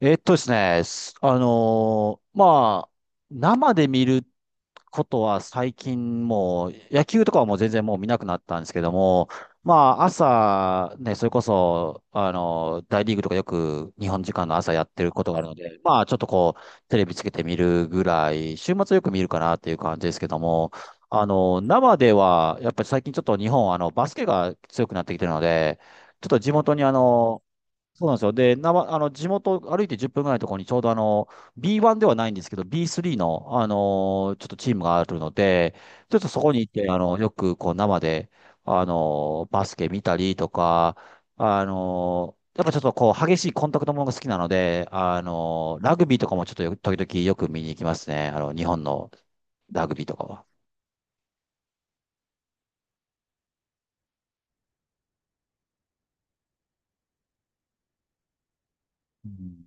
えっとですね、すあのーまあ、生で見ることは最近もう、野球とかはもう全然もう見なくなったんですけども、まあ、朝、ね、それこそ、大リーグとかよく日本時間の朝やってることがあるので、まあ、ちょっとこう、テレビつけて見るぐらい、週末よく見るかなっていう感じですけども、生では、やっぱり最近ちょっと日本、バスケが強くなってきてるので、ちょっと地元にそうなんですよ。で、なま、あの、地元歩いて10分ぐらいのところにちょうどB1 ではないんですけど、B3 の、ちょっとチームがあるので、ちょっとそこに行って、よくこう生で、バスケ見たりとか、やっぱちょっとこう、激しいコンタクトものが好きなので、ラグビーとかもちょっと時々よく見に行きますね。日本のラグビーとかは。うん、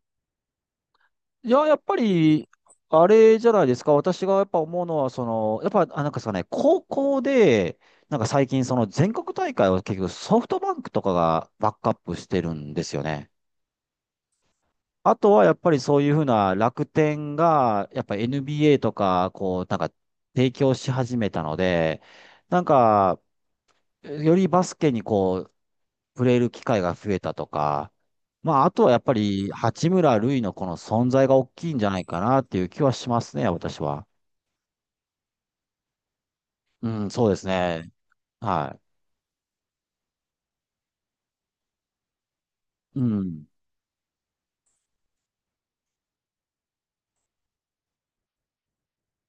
いや、やっぱり、あれじゃないですか。私がやっぱ思うのは、その、やっぱ、あ、なんかさね、高校で、なんか最近、その全国大会を結局ソフトバンクとかがバックアップしてるんですよね。あとはやっぱりそういうふうな楽天が、やっぱ NBA とか、こう、なんか提供し始めたので、なんか、よりバスケにこう、触れる機会が増えたとか、まあ、あとはやっぱり、八村塁のこの存在が大きいんじゃないかなっていう気はしますね、私は。うん、そうですね。はい。うん。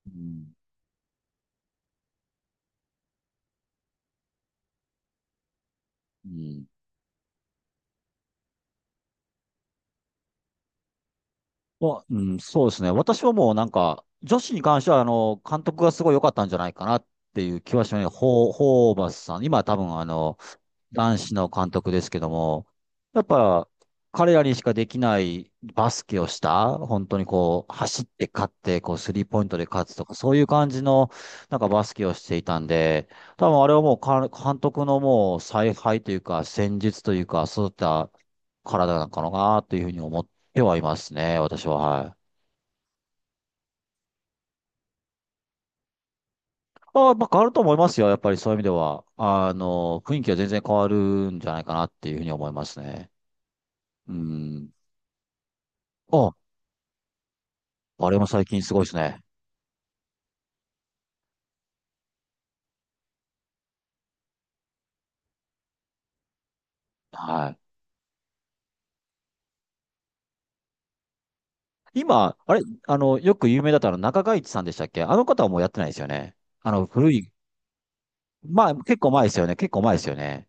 うん。うん、まあ、うん、そうですね。私はもうなんか、女子に関しては、監督がすごい良かったんじゃないかなっていう気はしますね。ホーバスさん。今多分、男子の監督ですけども、やっぱ彼らにしかできないバスケをした、本当にこう、走って勝って、こう、スリーポイントで勝つとか、そういう感じの、なんかバスケをしていたんで、多分あれはもう監督のもう采配というか、戦術というか、そういった体なのかなというふうに思ってはいますね、私は。はい。あ、まあ、変わると思いますよ。やっぱりそういう意味では。雰囲気は全然変わるんじゃないかなっていうふうに思いますね。うん。あ、あれも最近すごいですね。はい。今、あれ、あの、よく有名だったの中川一さんでしたっけ、あの方はもうやってないですよね。あの、古い、まあ、結構前ですよね。結構前ですよね。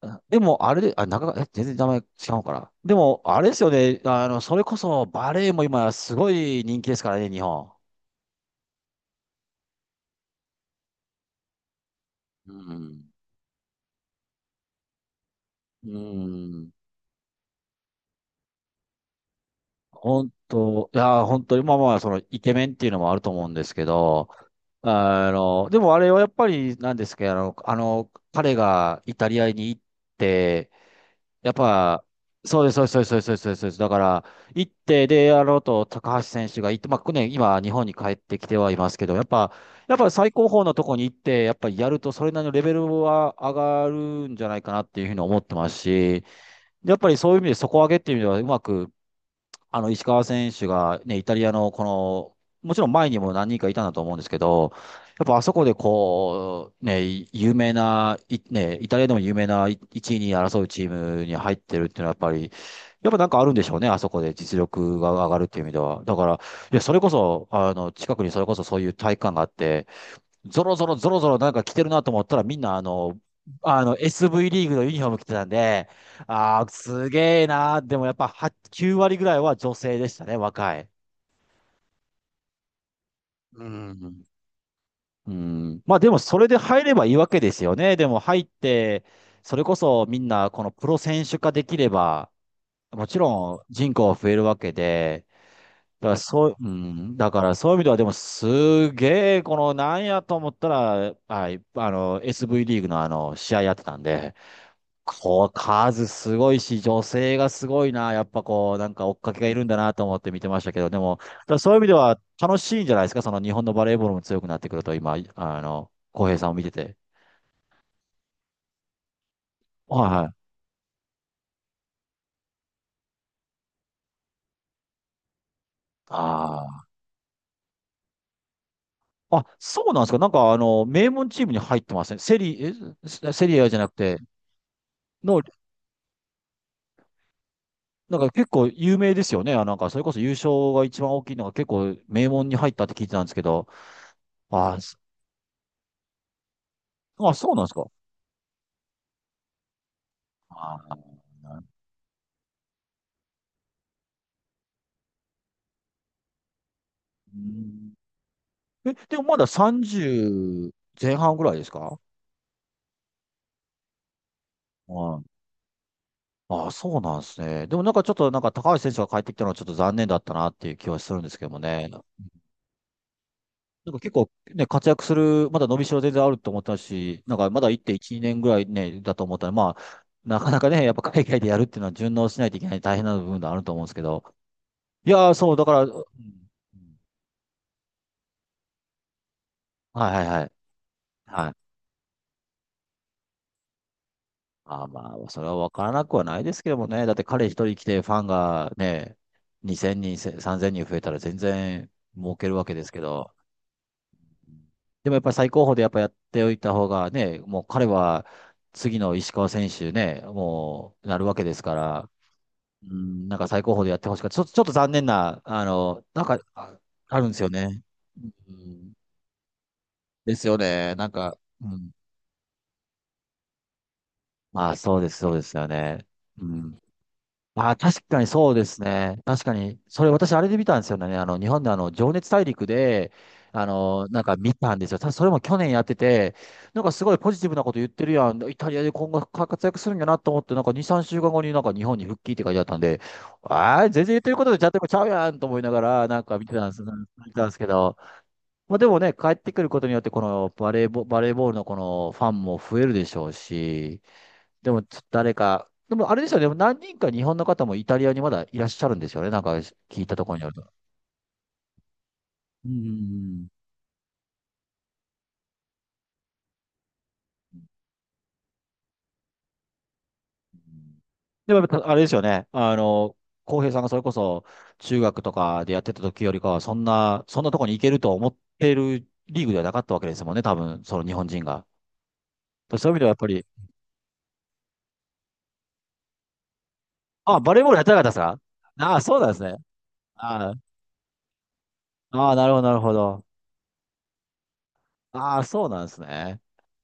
あでも、あれで、あ、中川、え、全然名前違うから。でも、あれですよね。それこそバレエも今すごい人気ですからね、日本。うん。うん。本当、いや、本当に、まあまあ、その、イケメンっていうのもあると思うんですけど、でもあれはやっぱりなんですけど、彼がイタリアに行って、やっぱ、そうです、そうです、そうです、そうです、そうです。そうですだから、行って、で、あのと、高橋選手が行って、まあ、ね、今、日本に帰ってきてはいますけど、やっぱ最高峰のとこに行って、やっぱりやると、それなりのレベルは上がるんじゃないかなっていうふうに思ってますし、やっぱりそういう意味で底上げっていう意味では、うまく石川選手がね、イタリアのもちろん前にも何人かいたんだと思うんですけど、やっぱあそこでこう、ね、有名な、いね、イタリアでも有名な1位に争うチームに入ってるっていうのはやっぱり、やっぱなんかあるんでしょうね、あそこで実力が上がるっていう意味では。だから、いや、それこそ、近くにそれこそそういう体育館があって、ゾロゾロゾロゾロなんか着てるなと思ったらみんなSV リーグのユニフォーム着てたんで、ああ、すげえなー。でもやっぱ8、9割ぐらいは女性でしたね、若い。うん。うん。まあでもそれで入ればいいわけですよね。でも入って、それこそみんなこのプロ選手化できれば、もちろん人口は増えるわけで、だからそう、うん、だからそういう意味ではでもすげえ、このなんやと思ったら、はい、SV リーグの試合やってたんで、こう、数すごいし、女性がすごいな。やっぱこう、なんか追っかけがいるんだなと思って見てましたけど、でも、だからそういう意味では楽しいんじゃないですか。その日本のバレーボールも強くなってくると、今、浩平さんを見てて。はいはい。ああ。あ、そうなんですか。なんか名門チームに入ってません。セリアじゃなくて、の、なんか結構有名ですよね。あ、なんかそれこそ優勝が一番大きいのが結構名門に入ったって聞いてたんですけど。あー、そそうなんですか。あー。うん、でもまだ30前半ぐらいですか。はい。ああ、そうなんですね。でもなんかちょっとなんか高橋選手が帰ってきたのはちょっと残念だったなっていう気はするんですけどもね。なんか結構ね、活躍する、まだ伸びしろ全然あると思ったし、なんかまだ1.1、年ぐらいね、だと思ったら、まあ、なかなかね、やっぱ海外でやるっていうのは順応しないといけない大変な部分があると思うんですけど。いやー、そう、だから、うん。はいはいはい。はい。あ、まあ、それは分からなくはないですけどもね。だって彼一人来てファンがね、2000人、3000人増えたら全然儲けるわけですけど。でもやっぱり最高峰でやっぱやっておいた方がね、もう彼は次の石川選手ね、もうなるわけですから、うん、なんか最高峰でやってほしかった。ちょっと、ちょっと残念な、なんかあ、あるんですよね。うん、ですよね。なんか、うん、まあそうです、そうですよね。うん、あー、確かにそうですね。確かに。それ私あれで見たんですよね。日本で情熱大陸で、なんか見たんですよ。それも去年やってて、なんかすごいポジティブなこと言ってるやん。イタリアで今後活躍するんやなと思って、なんか2、3週間後になんか日本に復帰って書いてあったんで、あー、全然言ってることでちゃんとちゃうやんと思いながら、なんか見てたんです、けど。まあでもね、帰ってくることによって、このバレーボ、バレーボールのこのファンも増えるでしょうし、でも、ちょっと誰か、でもあれですよね、でも何人か日本の方もイタリアにまだいらっしゃるんですよね、なんか聞いたところによると。うん。でもやっぱあれですよね、浩平さんがそれこそ中学とかでやってた時よりかは、そんなとこに行けると思ってるリーグではなかったわけですもんね、多分、その日本人が。そういう意味ではやっぱり、あ、バレーボールやってなかったですか。ああ、そうなんですね。ああ、ああ、なるほど、なるほど。ああ、そうなんですね。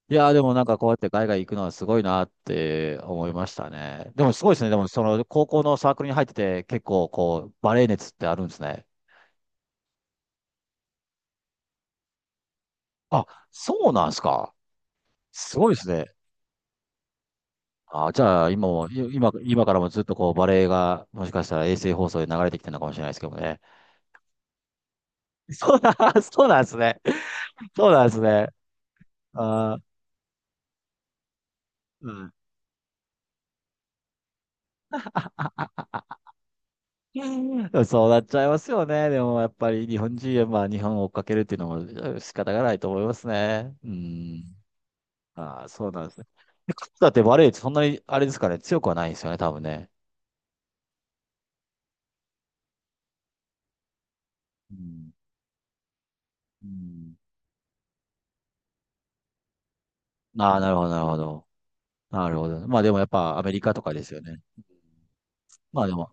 いやー、でもなんかこうやって海外行くのはすごいなって思いましたね。でもすごいですね。でもその高校のサークルに入ってて結構こうバレエ熱ってあるんですね。あ、そうなんですか。すごいですね。あ、じゃあ今も、今からもずっとこうバレエがもしかしたら衛星放送で流れてきてるのかもしれないですけどもね。そうな、そうなんですね。そうなんですね。あー、うん。そうなっちゃいますよね。でもやっぱり日本人はまあ日本を追っかけるっていうのも仕方がないと思いますね。うん。ああ、そうなんですね。で、勝田ってバレーってそんなに、あれですかね、強くはないんですよね、多分ね。うん。うん。ああ、なるほど、なるほど。なるほど。まあでもやっぱアメリカとかですよね。まあでも、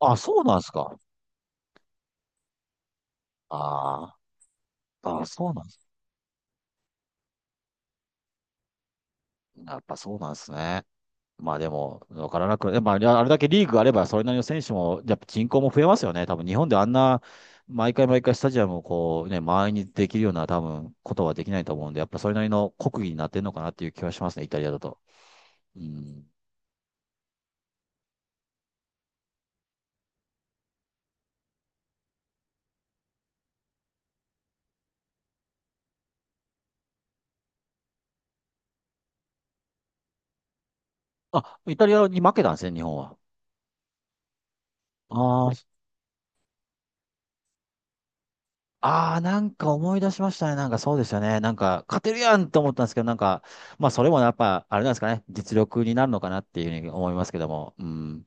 あ、そうなんですか。ああ、ああ、そうなんです。やっぱそうなんですね。まあでも、わからなく、でもあれあれだけリーグがあれば、それなりの選手も、やっぱ人口も増えますよね。多分日本であんな、毎回毎回スタジアムをこうね、満員にできるような多分ことはできないと思うんで、やっぱそれなりの国技になってるのかなっていう気はしますね、イタリアだと。うん。あ、イタリアに負けたんですね、日本は。あー、あー、なんか思い出しましたね。なんかそうですよね。なんか勝てるやんって思ったんですけど、なんか、まあそれもやっぱ、あれなんですかね、実力になるのかなっていうふうに思いますけども。うん。